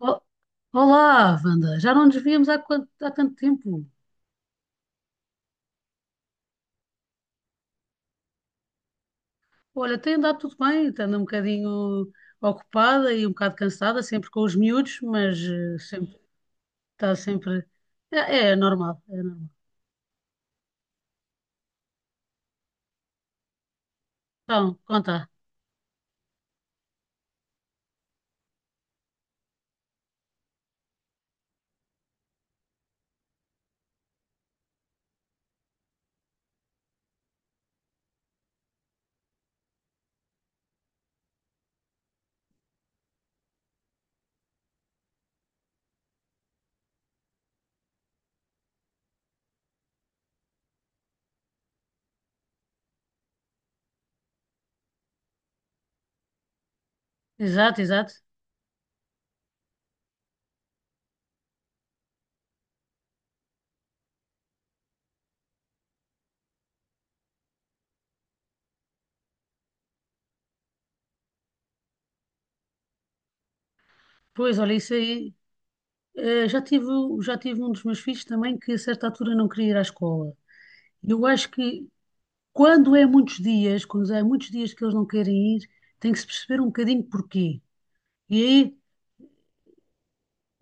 O- Olá, Wanda. Já não nos víamos há, há tanto tempo. Olha, tem andado tudo bem, estando um bocadinho ocupada e um bocado cansada, sempre com os miúdos, mas sempre, está sempre. É, normal, é normal. Então, conta. Exato, exato. Pois, olha, isso aí. eh, já tive, já tive um dos meus filhos também que a certa altura não queria ir à escola. Eu acho que quando é muitos dias, quando é muitos dias que eles não querem ir, tem que se perceber um bocadinho porquê. E aí.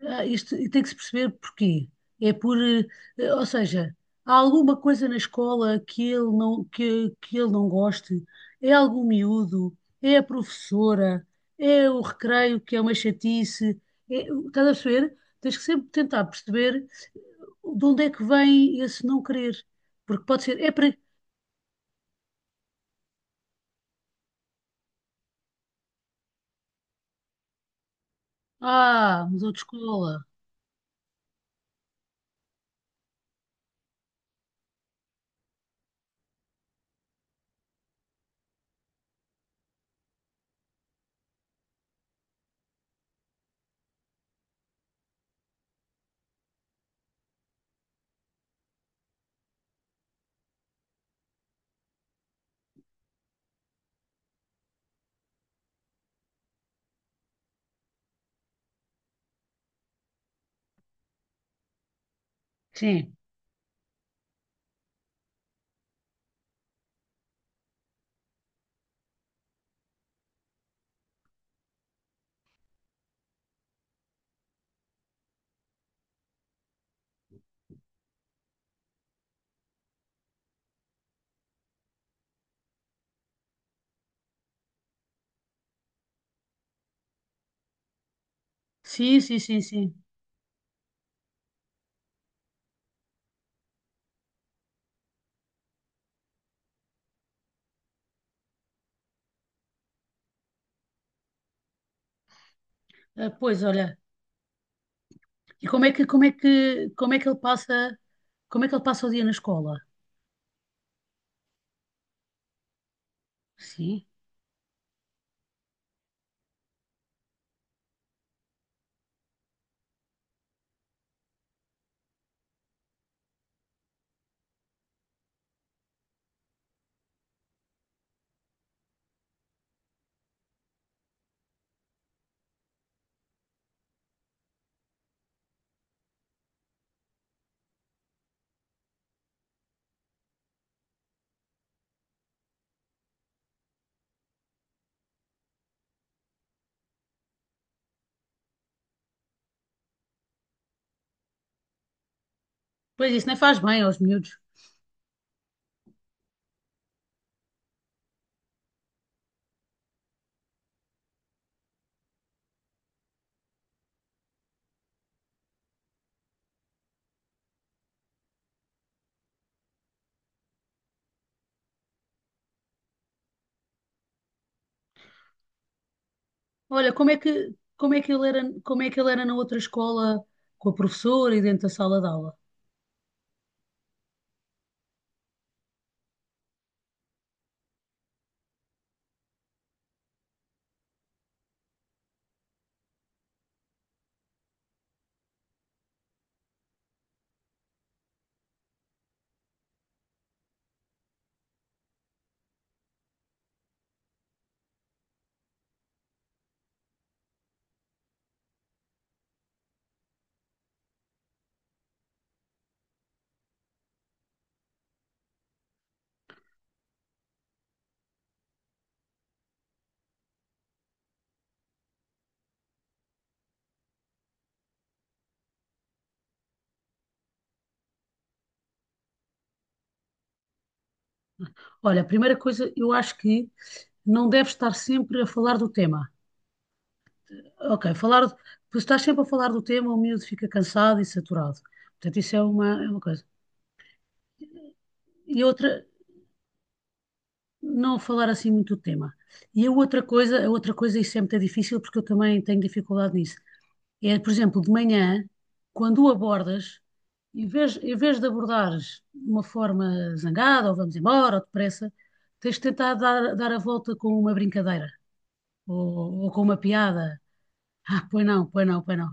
Ah, isto tem que se perceber porquê. É por, ou seja, há alguma coisa na escola que ele não, que ele não goste? É algum miúdo? É a professora? É o recreio que é uma chatice? É, estás a perceber? Tens que sempre tentar perceber de onde é que vem esse não querer. Porque pode ser, é para... Ah, mudou de escola. Sim. Sim, sim, sim, sim. Ah, pois, olha. E como é que ele passa, como é que ele passa o dia na escola? Sim. Pois isso nem faz bem aos miúdos. Olha, como é que ele era, como é que ele era na outra escola com a professora e dentro da sala de aula? Olha, a primeira coisa, eu acho que não deves estar sempre a falar do tema. Ok, falar, tu estás sempre a falar do tema, o miúdo fica cansado e saturado. Portanto, isso é uma coisa. E outra, não falar assim muito do tema. E a outra coisa, isso é muito difícil porque eu também tenho dificuldade nisso. É, por exemplo, de manhã, quando o abordas, em vez de abordares de uma forma zangada, ou vamos embora, ou depressa, tens de tentar dar, dar a volta com uma brincadeira, ou com uma piada. Ah, pois não, pois não, pois não.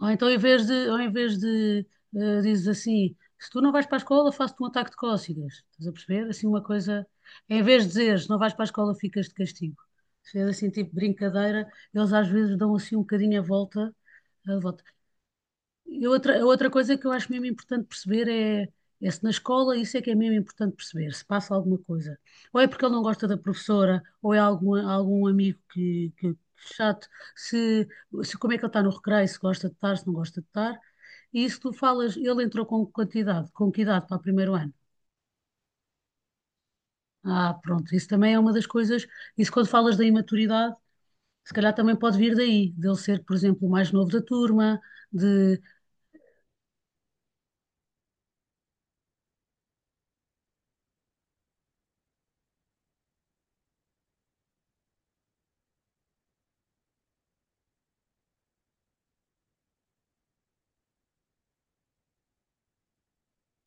Ou então, ou em vez de dizes assim, se tu não vais para a escola, faço-te um ataque de cócegas. Estás a perceber? Assim, uma coisa. Em vez de dizeres, não vais para a escola, ficas de castigo. Se é assim, tipo brincadeira, eles às vezes dão assim um bocadinho a volta e outra, outra coisa que eu acho mesmo importante perceber é, é se na escola isso é que é mesmo importante perceber, se passa alguma coisa. Ou é porque ele não gosta da professora, ou é algum, algum amigo que chato, se, se como é que ele está no recreio, se gosta de estar, se não gosta de estar. E isso tu falas, ele entrou com quantidade, com que idade para o primeiro ano? Ah, pronto, isso também é uma das coisas, isso quando falas da imaturidade, se calhar também pode vir daí, dele ser, por exemplo, o mais novo da turma, de...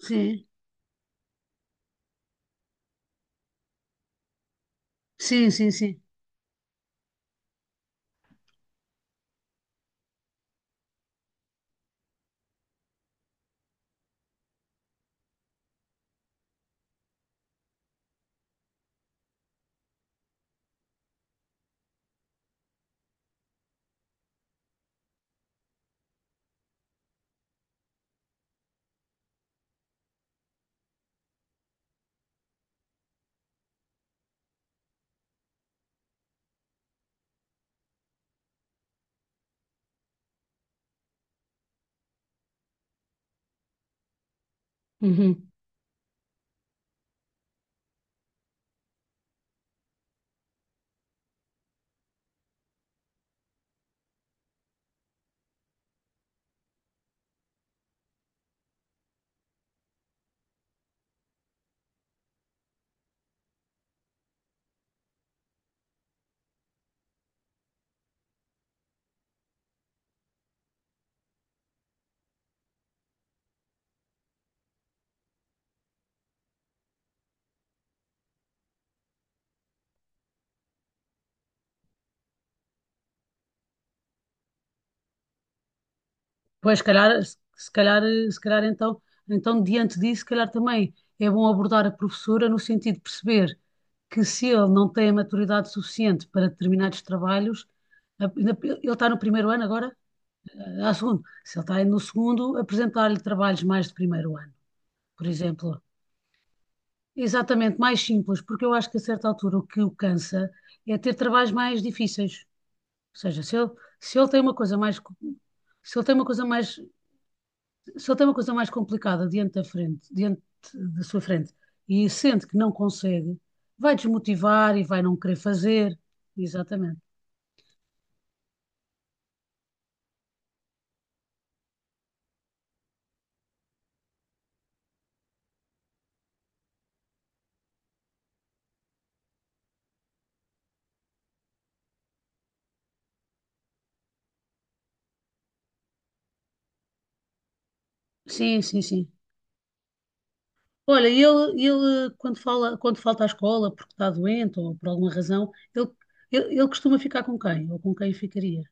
Sim, sim, sim, sim. Uhum. Pois, se calhar, se calhar, se calhar então, então, diante disso, se calhar também é bom abordar a professora no sentido de perceber que se ele não tem a maturidade suficiente para determinados trabalhos, ele está no primeiro ano agora, a segundo. Se ele está aí no segundo, apresentar-lhe trabalhos mais de primeiro ano, por exemplo. Exatamente, mais simples, porque eu acho que a certa altura o que o cansa é ter trabalhos mais difíceis. Ou seja, se ele tem uma coisa mais, se ele tem uma coisa mais se ele tem uma coisa mais complicada diante da frente, diante da sua frente, e sente que não consegue, vai desmotivar e vai não querer fazer. Exatamente. Sim, sim, sim. Olha, ele quando fala, quando falta à escola porque está doente ou por alguma razão, ele costuma ficar com quem? Ou com quem ficaria?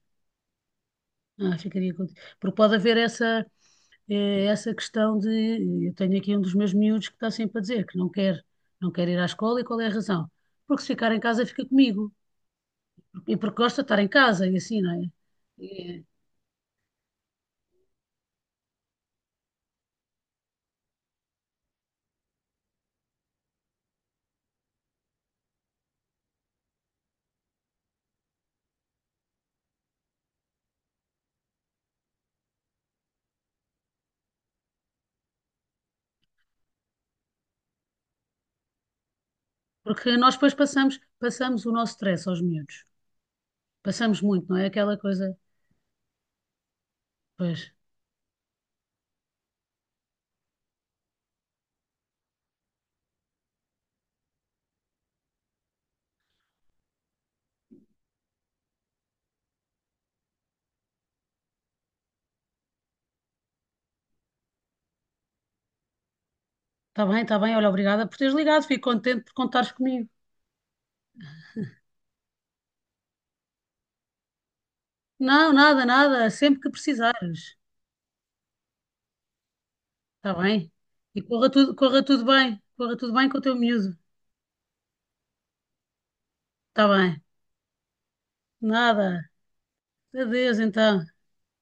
Ah, ficaria com... Porque pode haver essa, essa questão de... Eu tenho aqui um dos meus miúdos que está sempre a dizer que não quer, não quer ir à escola e qual é a razão? Porque se ficar em casa fica comigo. E porque gosta de estar em casa e assim, não é? E- porque nós depois passamos, passamos o nosso stress aos miúdos. Passamos muito, não é? Aquela coisa, pois, está bem, olha, obrigada por teres ligado, fico contente por contares comigo. Não, nada, nada, sempre que precisares, está bem? E corra tudo bem com o teu miúdo, está bem? Nada, adeus então.